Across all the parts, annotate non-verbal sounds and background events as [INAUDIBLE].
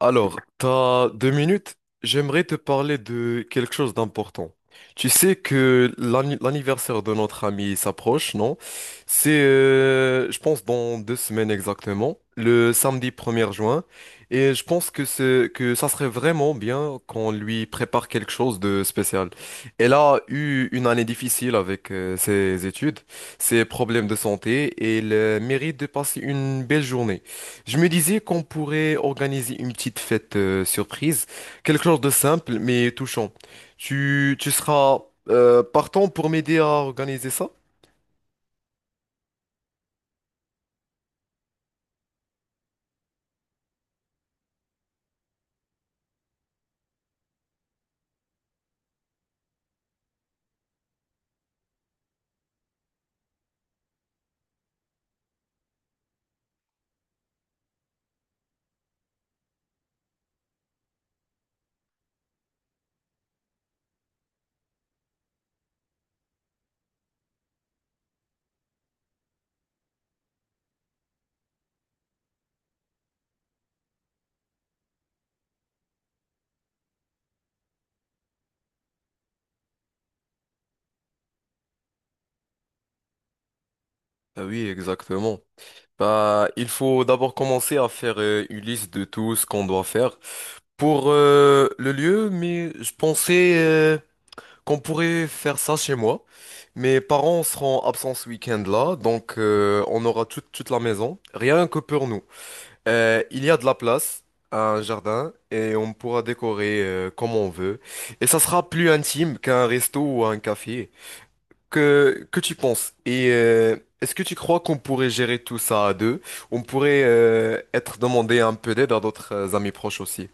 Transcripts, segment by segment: Alors, t'as deux minutes. J'aimerais te parler de quelque chose d'important. Tu sais que l'anniversaire de notre ami s'approche, non? C'est, je pense, dans deux semaines exactement, le samedi 1er juin. Et je pense que ça serait vraiment bien qu'on lui prépare quelque chose de spécial. Elle a eu une année difficile avec ses études, ses problèmes de santé, et elle mérite de passer une belle journée. Je me disais qu'on pourrait organiser une petite fête surprise, quelque chose de simple mais touchant. Tu seras partant pour m'aider à organiser ça? Ah oui, exactement. Bah, il faut d'abord commencer à faire une liste de tout ce qu'on doit faire pour le lieu, mais je pensais qu'on pourrait faire ça chez moi. Mes parents seront absents ce week-end là, donc on aura toute la maison, rien que pour nous. Il y a de la place, un jardin, et on pourra décorer comme on veut. Et ça sera plus intime qu'un resto ou un café. Que tu penses? Est-ce que tu crois qu'on pourrait gérer tout ça à deux? On pourrait être demandé un peu d'aide à d'autres amis proches aussi.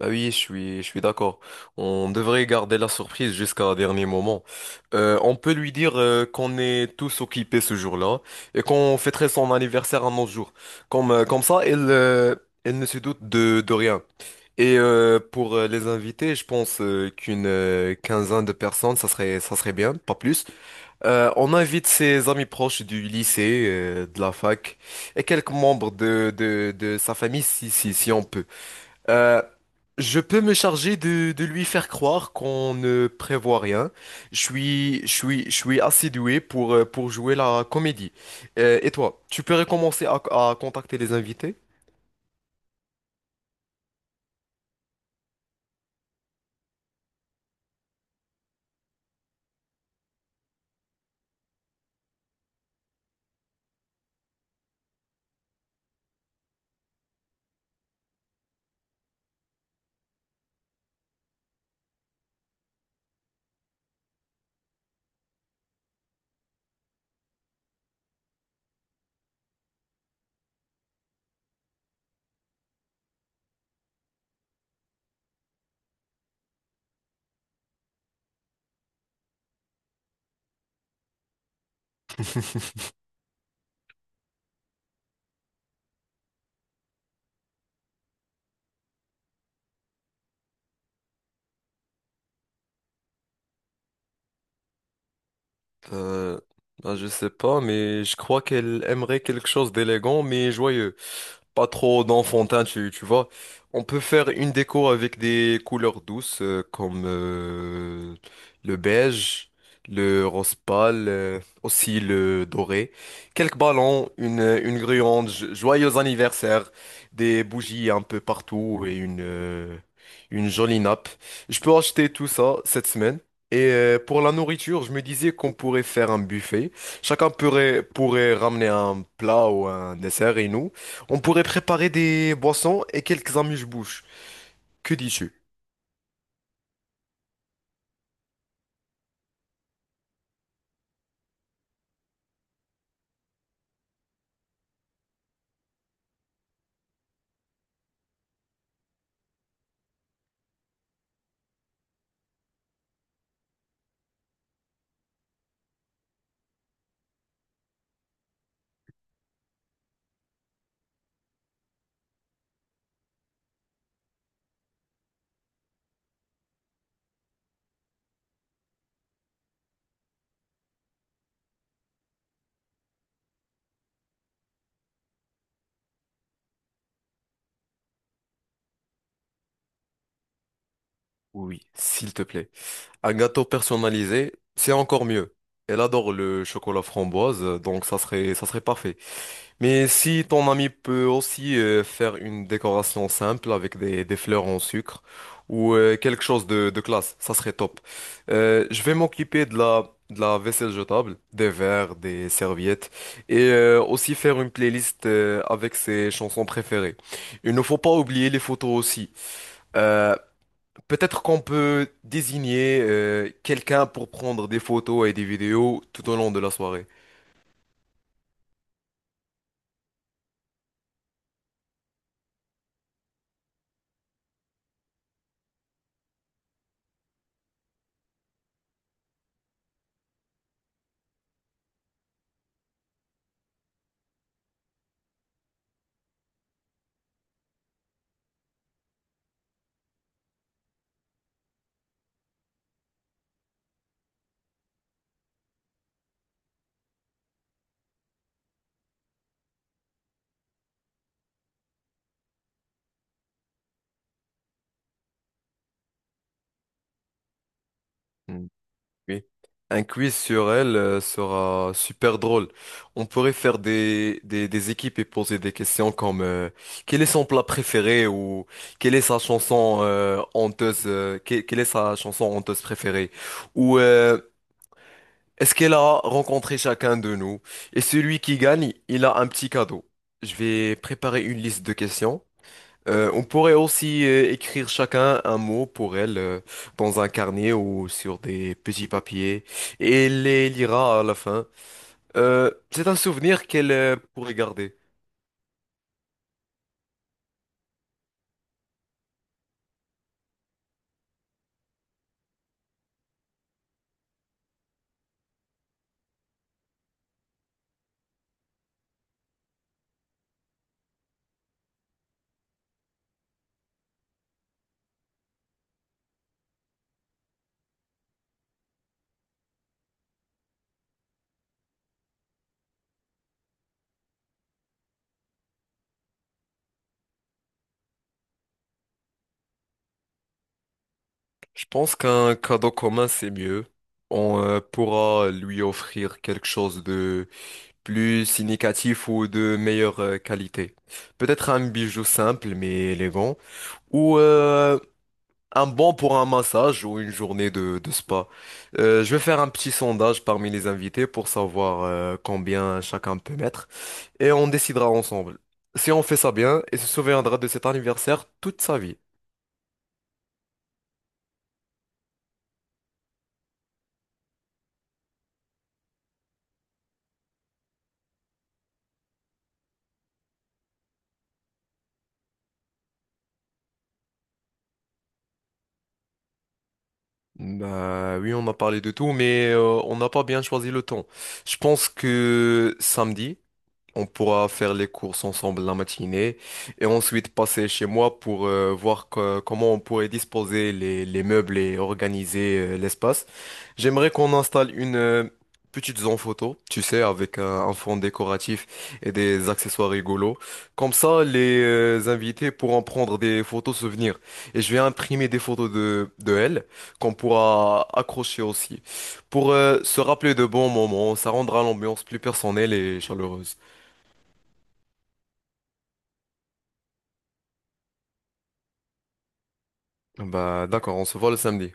Bah oui, je suis d'accord. On devrait garder la surprise jusqu'à un dernier moment. On peut lui dire qu'on est tous occupés ce jour-là et qu'on fêterait son anniversaire un autre jour. Comme ça, elle, elle ne se doute de rien. Pour les invités, je pense qu'une quinzaine de personnes, ça serait bien, pas plus. On invite ses amis proches du lycée, de la fac et quelques membres de sa famille si on peut. Euh, je peux me charger de lui faire croire qu'on ne prévoit rien. Je suis assez doué pour jouer la comédie. Et toi, tu peux recommencer à contacter les invités? [LAUGHS] Euh, ben, je sais pas, mais je crois qu'elle aimerait quelque chose d'élégant mais joyeux. Pas trop d'enfantin, tu vois. On peut faire une déco avec des couleurs douces comme le beige, le rose pâle, aussi le doré. Quelques ballons, une guirlande, joyeux anniversaire, des bougies un peu partout et une jolie nappe. Je peux acheter tout ça cette semaine. Et pour la nourriture, je me disais qu'on pourrait faire un buffet. Pourrait ramener un plat ou un dessert et nous, on pourrait préparer des boissons et quelques amuse-bouches. Que dis-tu? Oui, s'il te plaît. Un gâteau personnalisé, c'est encore mieux. Elle adore le chocolat framboise, donc ça serait parfait. Mais si ton ami peut aussi faire une décoration simple avec des fleurs en sucre ou quelque chose de classe, ça serait top. Je vais m'occuper de de la vaisselle jetable, des verres, des serviettes et aussi faire une playlist avec ses chansons préférées. Il ne faut pas oublier les photos aussi. Euh, Peut-être qu'on peut désigner quelqu'un pour prendre des photos et des vidéos tout au long de la soirée. Mm. Oui. Un quiz sur elle sera super drôle. On pourrait faire des équipes et poser des questions comme quel est son plat préféré ou quelle est sa chanson quelle est sa chanson honteuse préférée ou est-ce qu'elle a rencontré chacun de nous? Et celui qui gagne, il a un petit cadeau. Je vais préparer une liste de questions. On pourrait aussi écrire chacun un mot pour elle dans un carnet ou sur des petits papiers et elle les lira à la fin. C'est un souvenir qu'elle pourrait garder. Je pense qu'un cadeau commun, c'est mieux. On pourra lui offrir quelque chose de plus significatif ou de meilleure qualité. Peut-être un bijou simple mais élégant ou un bon pour un massage ou une journée de spa. Je vais faire un petit sondage parmi les invités pour savoir combien chacun peut mettre et on décidera ensemble. Si on fait ça bien, il se souviendra de cet anniversaire toute sa vie. Bah oui, on a parlé de tout, mais on n'a pas bien choisi le temps. Je pense que samedi. On pourra faire les courses ensemble la matinée et ensuite passer chez moi pour voir comment on pourrait disposer les meubles et organiser l'espace. J'aimerais qu'on installe une petite zone photo, tu sais, avec un fond décoratif et des accessoires rigolos. Comme ça, les invités pourront prendre des photos souvenirs. Et je vais imprimer des photos de elles qu'on pourra accrocher aussi. Pour se rappeler de bons moments, ça rendra l'ambiance plus personnelle et chaleureuse. Bah d'accord, on se voit le samedi.